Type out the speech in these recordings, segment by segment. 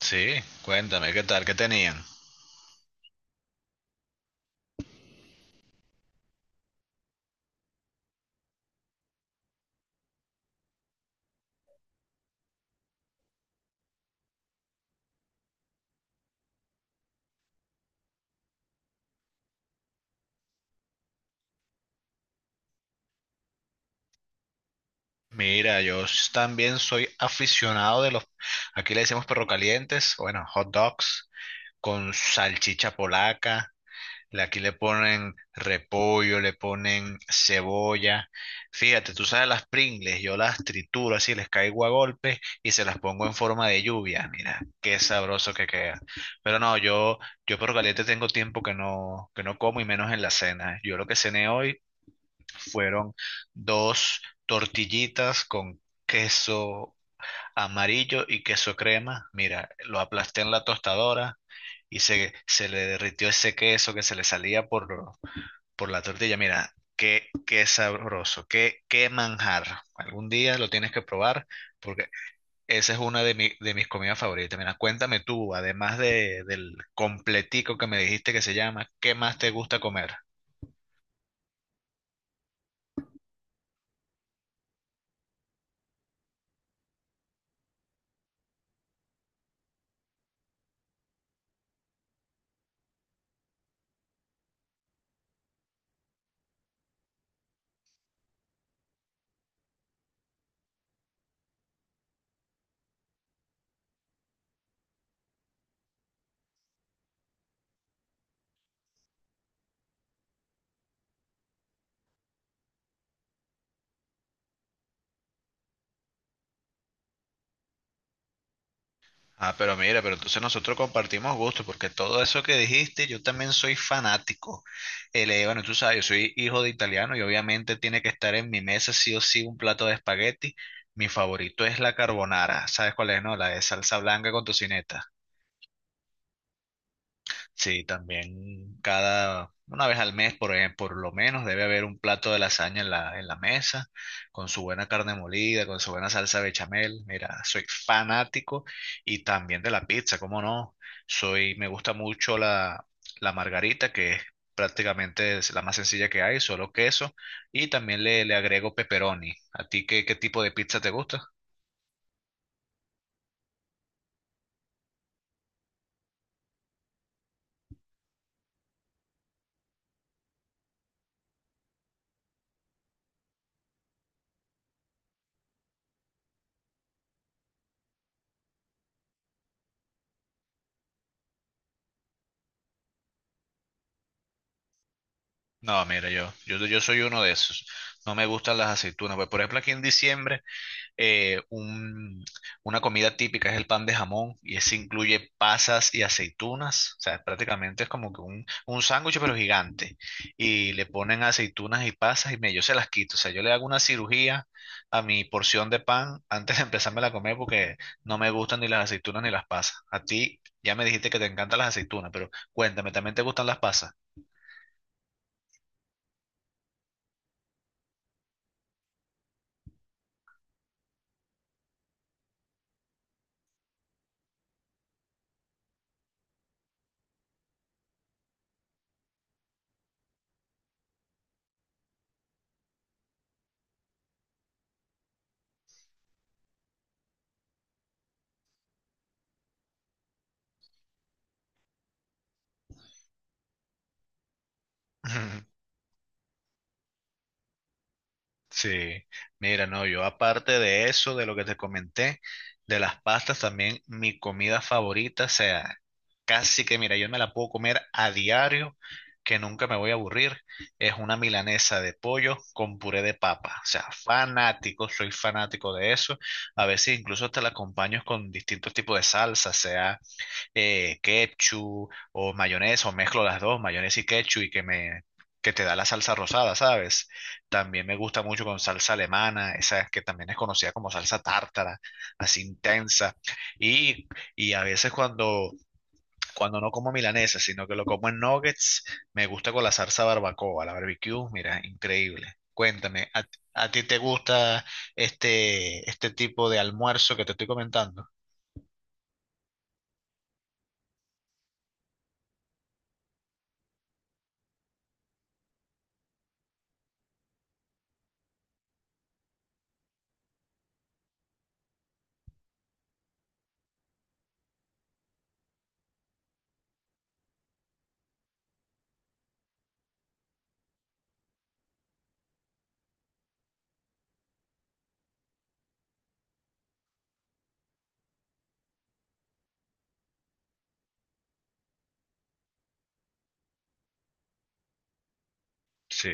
Sí, cuéntame, ¿qué tal? ¿Qué tenían? Mira, también soy aficionado de aquí le decimos perro calientes, bueno, hot dogs con salchicha polaca, aquí le ponen repollo, le ponen cebolla. Fíjate, tú sabes las Pringles, yo las trituro así, les caigo a golpes y se las pongo en forma de lluvia, mira, qué sabroso que queda. Pero no, yo perro caliente tengo tiempo que no como y menos en la cena. Yo lo que cené hoy fueron dos tortillitas con queso amarillo y queso crema. Mira, lo aplasté en la tostadora y se le derritió ese queso que se le salía por la tortilla. Mira, qué sabroso, qué manjar. Algún día lo tienes que probar porque esa es una de mis comidas favoritas. Mira, cuéntame tú, además del completico que me dijiste que se llama, ¿qué más te gusta comer? Ah, pero mira, pero entonces nosotros compartimos gustos, porque todo eso que dijiste, yo también soy fanático. Bueno, tú sabes, yo soy hijo de italiano y obviamente tiene que estar en mi mesa sí o sí un plato de espagueti. Mi favorito es la carbonara. ¿Sabes cuál es, no? La de salsa blanca con tocineta. Sí, también cada, una vez al mes, por ejemplo, por lo menos debe haber un plato de lasaña en en la mesa, con su buena carne molida, con su buena salsa bechamel. Mira, soy fanático y también de la pizza, ¿cómo no? Soy, me gusta mucho la margarita, que es prácticamente es la más sencilla que hay, solo queso, y también le agrego pepperoni. ¿A ti qué, qué tipo de pizza te gusta? No, mira, yo soy uno de esos. No me gustan las aceitunas. Pues, por ejemplo, aquí en diciembre. eh, un- una comida típica es el pan de jamón y ese incluye pasas y aceitunas. O sea, prácticamente es como que un sándwich pero gigante. Y le ponen aceitunas y pasas y yo se las quito. O sea, yo le hago una cirugía a mi porción de pan antes de empezármela a comer porque no me gustan ni las aceitunas ni las pasas. A ti ya me dijiste que te encantan las aceitunas, pero cuéntame, ¿también te gustan las pasas? Sí, mira, no, yo aparte de eso, de lo que te comenté, de las pastas, también mi comida favorita, o sea, casi que, mira, yo me la puedo comer a diario, que nunca me voy a aburrir, es una milanesa de pollo con puré de papa, o sea, fanático, soy fanático de eso, a veces incluso te la acompaño con distintos tipos de salsa, sea ketchup o mayonesa, o mezclo las dos, mayonesa y ketchup, y que que te da la salsa rosada, ¿sabes? También me gusta mucho con salsa alemana, esa que también es conocida como salsa tártara, así intensa. Y, y a veces cuando no como milanesa, sino que lo como en nuggets, me gusta con la salsa barbacoa, la barbecue, mira, increíble. Cuéntame, ¿a ti te gusta este tipo de almuerzo que te estoy comentando? Sí.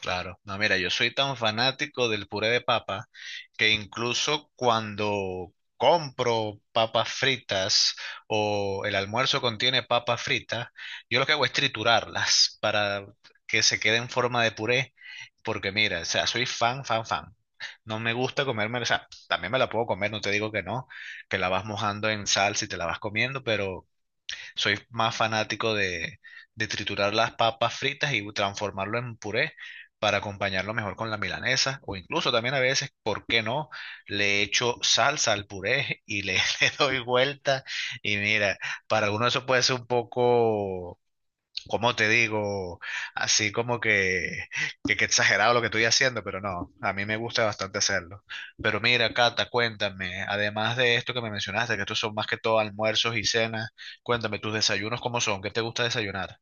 Claro, no, mira, yo soy tan fanático del puré de papa que incluso cuando compro papas fritas o el almuerzo contiene papas fritas, yo lo que hago es triturarlas para que se quede en forma de puré, porque mira, o sea, soy fan, fan, fan. No me gusta comerme, o sea, también me la puedo comer, no te digo que no, que la vas mojando en salsa y te la vas comiendo, pero soy más fanático de triturar las papas fritas y transformarlo en puré para acompañarlo mejor con la milanesa o incluso también a veces, ¿por qué no? Le echo salsa al puré y le, le doy vuelta y mira, para algunos eso puede ser un poco como te digo, así como que exagerado lo que estoy haciendo, pero no, a mí me gusta bastante hacerlo. Pero mira, Cata, cuéntame, además de esto que me mencionaste, que estos son más que todo almuerzos y cenas, cuéntame tus desayunos, ¿cómo son? ¿Qué te gusta desayunar?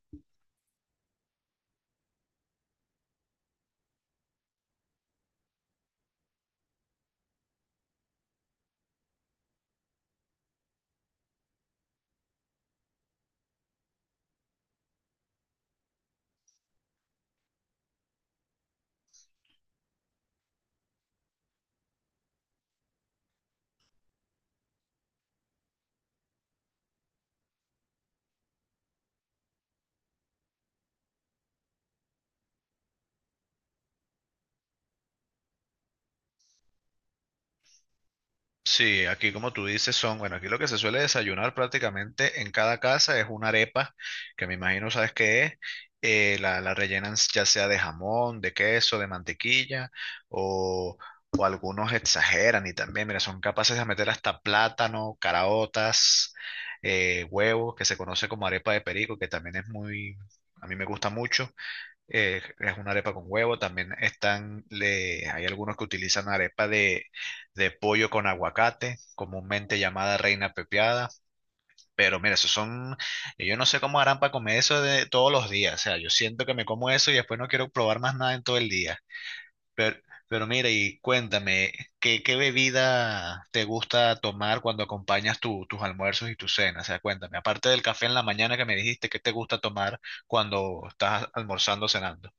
Sí, aquí como tú dices son, bueno, aquí lo que se suele desayunar prácticamente en cada casa es una arepa, que me imagino sabes qué es, la rellenan ya sea de jamón, de queso, de mantequilla, o, o algunos exageran y también, mira, son capaces de meter hasta plátano, caraotas, huevos, que se conoce como arepa de perico, que también es muy, a mí me gusta mucho, es una arepa con huevo. También están, le, hay algunos que utilizan arepa de pollo con aguacate, comúnmente llamada reina pepiada. Pero mira, esos son, yo no sé cómo harán para comer eso de todos los días. O sea, yo siento que me como eso y después no quiero probar más nada en todo el día. Pero, pero mira, y cuéntame, ¿qué bebida te gusta tomar cuando acompañas tus almuerzos y tus cenas? O sea, cuéntame, aparte del café en la mañana que me dijiste, ¿qué te gusta tomar cuando estás almorzando o cenando?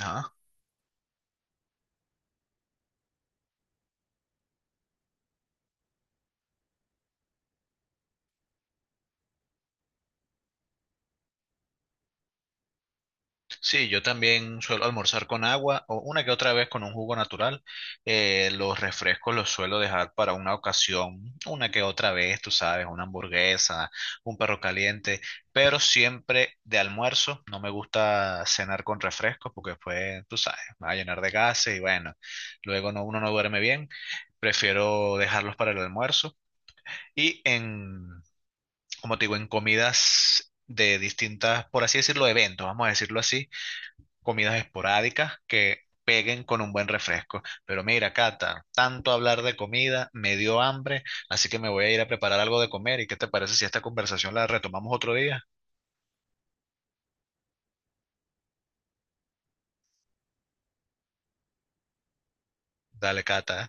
Ajá. Sí, yo también suelo almorzar con agua o una que otra vez con un jugo natural. Los refrescos los suelo dejar para una ocasión, una que otra vez, tú sabes, una hamburguesa, un perro caliente, pero siempre de almuerzo. No me gusta cenar con refrescos porque después, tú sabes, me va a llenar de gases y bueno, luego no, uno no duerme bien. Prefiero dejarlos para el almuerzo. Y en, Como te digo, en comidas de distintas, por así decirlo, eventos, vamos a decirlo así comidas esporádicas que peguen con un buen refresco. Pero mira, Cata, tanto hablar de comida me dio hambre, así que me voy a ir a preparar algo de comer. ¿Y qué te parece si esta conversación la retomamos otro día? Dale, Cata. ¿Eh?